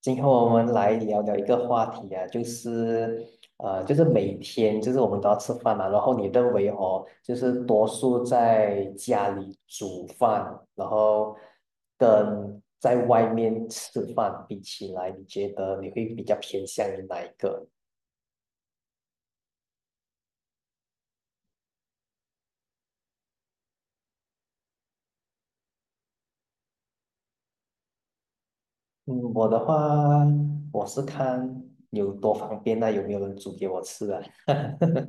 今天我们来聊聊一个话题啊，就是就是每天就是我们都要吃饭嘛，然后你认为哦，就是多数在家里煮饭，然后跟在外面吃饭比起来，你觉得你会比较偏向于哪一个？嗯，我的话，我是看有多方便啊，有没有人煮给我吃啊？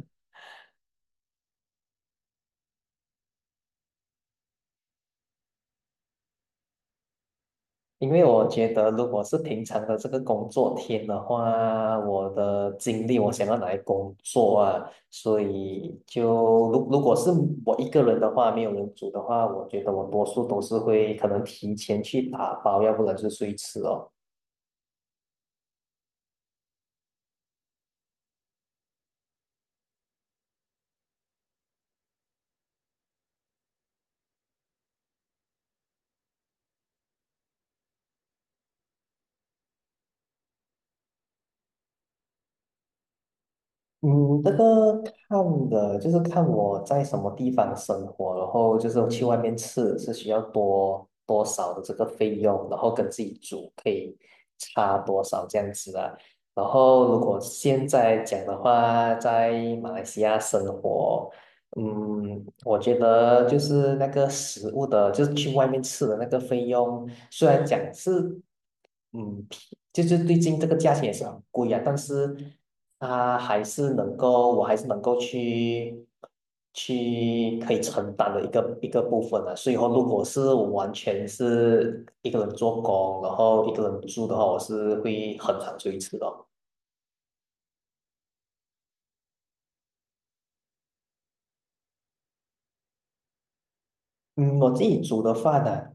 因为我觉得，如果是平常的这个工作天的话，我的精力我想要拿来工作啊，所以如果是我一个人的话，没有人煮的话，我觉得我多数都是会可能提前去打包，要不然就是随吃哦。嗯，这个看的，就是看我在什么地方生活，然后就是去外面吃是需要多多少的这个费用，然后跟自己煮可以差多少这样子啊。然后如果现在讲的话，在马来西亚生活，我觉得就是那个食物的，就是去外面吃的那个费用，虽然讲是，嗯，就是最近这个价钱也是很贵啊，但是他还是能够，我还是能够去去可以承担的一个部分啊。所以说，如果是我完全是一个人做工，然后一个人住的话，我是会很常追吃的。嗯，我自己煮的饭呢、啊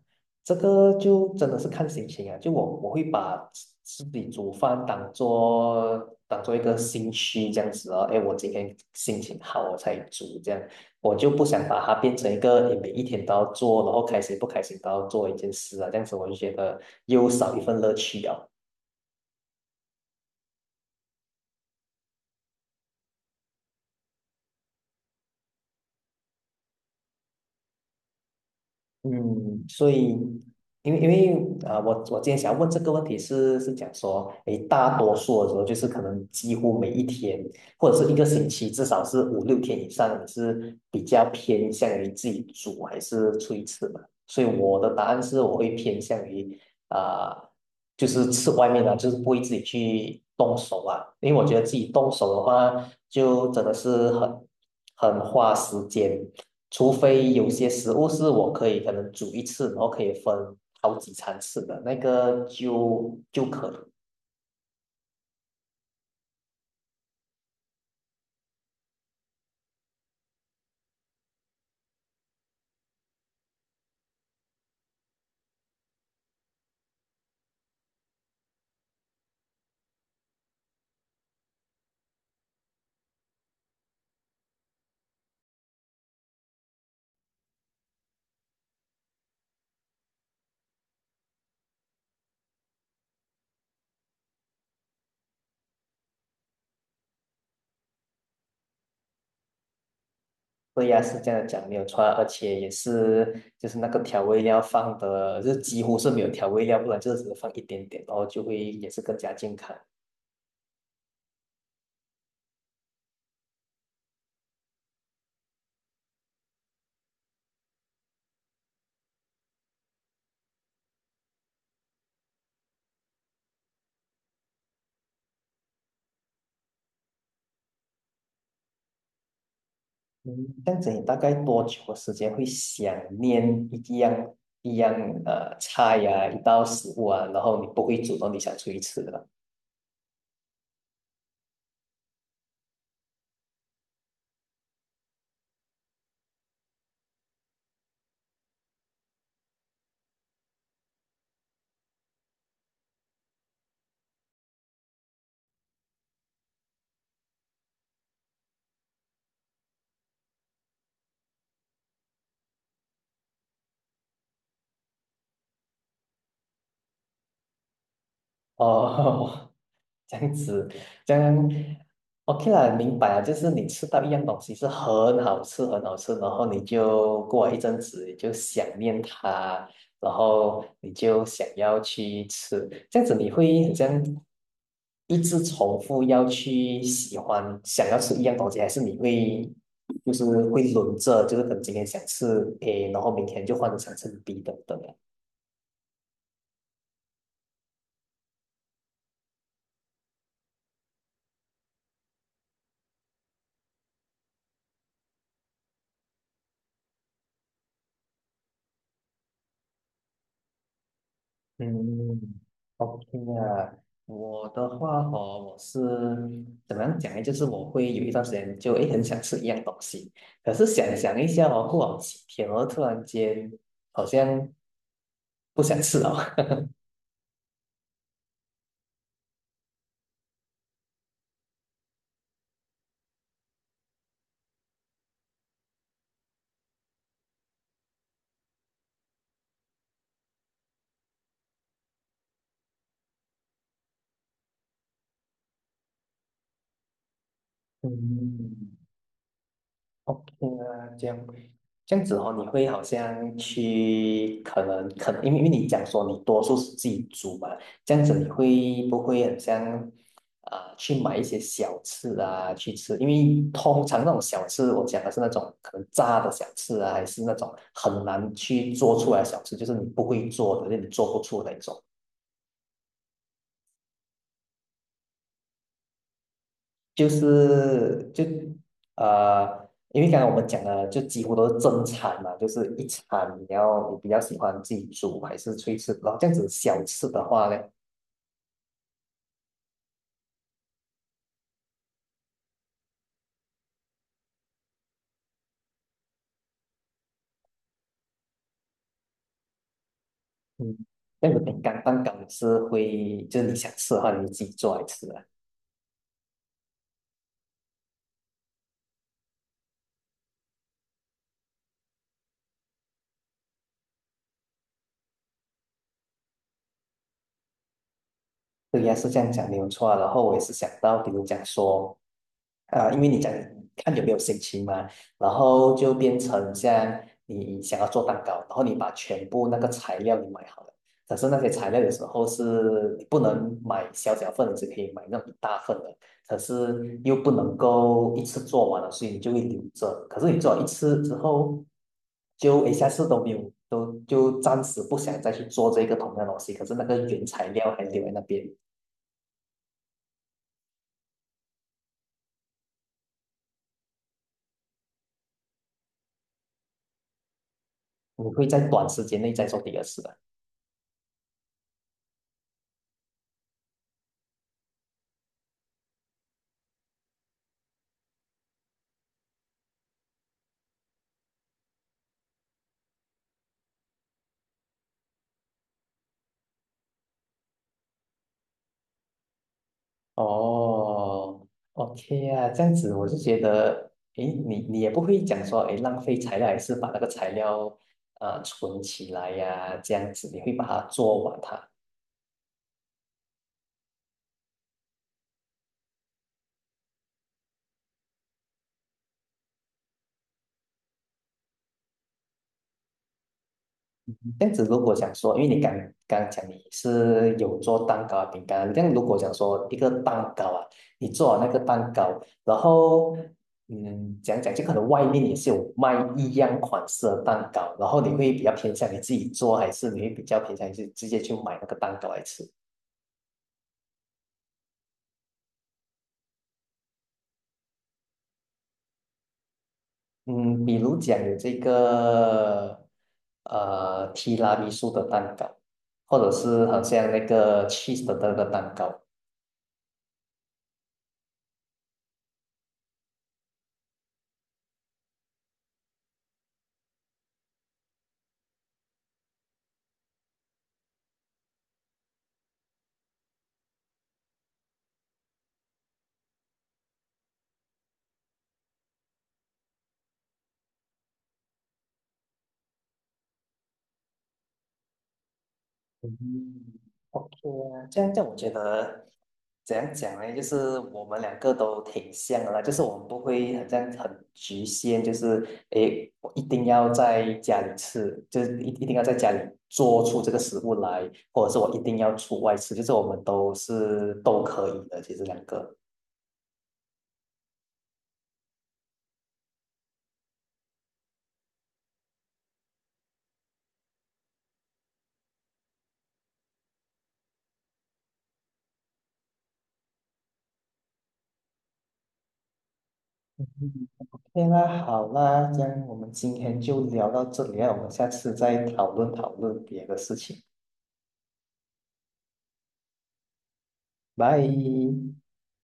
这个就真的是看心情啊。就我会把自己煮饭当做当做一个兴趣这样子哦。哎，我今天心情好，我才煮这样，我就不想把它变成一个诶每一天都要做，然后开心不开心都要做一件事啊。这样子我就觉得又少一份乐趣啊。嗯，所以，因为我今天想要问这个问题是讲说，诶，大多数的时候就是可能几乎每一天或者是一个星期，至少是五六天以上，你是比较偏向于自己煮还是出去吃嘛？所以我的答案是，我会偏向于啊、呃就是吃外面的，就是不会自己去动手啊，因为我觉得自己动手的话，就真的是很花时间。除非有些食物是我可以可能煮一次，然后可以分好几餐吃的，那个就可以。对呀，是这样讲没有错啊，而且也是就是那个调味料放的，就是几乎是没有调味料，不然就是只放一点点，然后就会也是更加健康。嗯，这样子你大概多久的时间会想念一样呃菜呀、一道食物啊，然后你不会主动你想出去吃的？哦，这样子，这样 OK 啦，明白了。就是你吃到一样东西是很好吃，很好吃，然后你就过了一阵子，你就想念它，然后你就想要去吃，这样子你会很像一直重复要去喜欢，想要吃一样东西，还是你会就是会轮着，就是等今天想吃 A，然后明天就换成想吃 B 等等啊。嗯，OK 啊，我的话哦，我是怎么样讲呢？就是我会有一段时间就诶很想吃一样东西，可是想一下哦，过好几天哦，突然间好像不想吃了。嗯，OK 啊，这样子哦，你会好像去可能，因为你讲说你多数是自己煮嘛，这样子你会不会很像去买一些小吃啊去吃？因为通常那种小吃，我讲的是那种可能炸的小吃啊，还是那种很难去做出来的小吃，就是你不会做的，就你做不出的那种。就是呃，因为刚才我们讲的就几乎都是正餐嘛，就是一餐你要你比较喜欢自己煮还是出去吃，然后这样子小吃的话呢，嗯，那个饼干蛋糕是会就是你想吃的话你自己做来吃啊，对呀是这样讲没有错啊。然后我也是想到，比如讲说。因为你讲看有没有心情嘛，然后就变成像你想要做蛋糕，然后你把全部那个材料你买好了，可是那些材料的时候是你不能买小小份的，只可以买那种一大份的，可是又不能够一次做完了，所以你就会留着。可是你做了一次之后，就一下次都没有，都就暂时不想再去做这个同样的东西，可是那个原材料还留在那边，你会在短时间内再做第二次的。哦，OK 啊，这样子我就觉得，诶，你也不会讲说，诶，浪费材料，还是把那个材料存起来呀、这样子你会把它做完它。这样子如果讲说，因为你刚刚讲你是有做蛋糕、饼干，这样如果讲说一个蛋糕啊，你做完那个蛋糕，然后嗯，讲就可能外面也是有卖一样款式的蛋糕，然后你会比较偏向你自己做，还是你会比较偏向你是直接去买那个蛋糕来吃？嗯，比如讲有这个提拉米苏的蛋糕，或者是好像那个 cheese 的那个蛋糕。嗯，OK 啊，这样我觉得怎样讲呢？就是我们两个都挺像的啦，就是我们不会好像很局限，就是诶，我一定要在家里吃，就是一定要在家里做出这个食物来，或者是我一定要出外吃，就是我们都是都可以的，其实两个。嗯 OK 啦好啦，这样我们今天就聊到这里啊，我们下次再讨论别的事情，拜。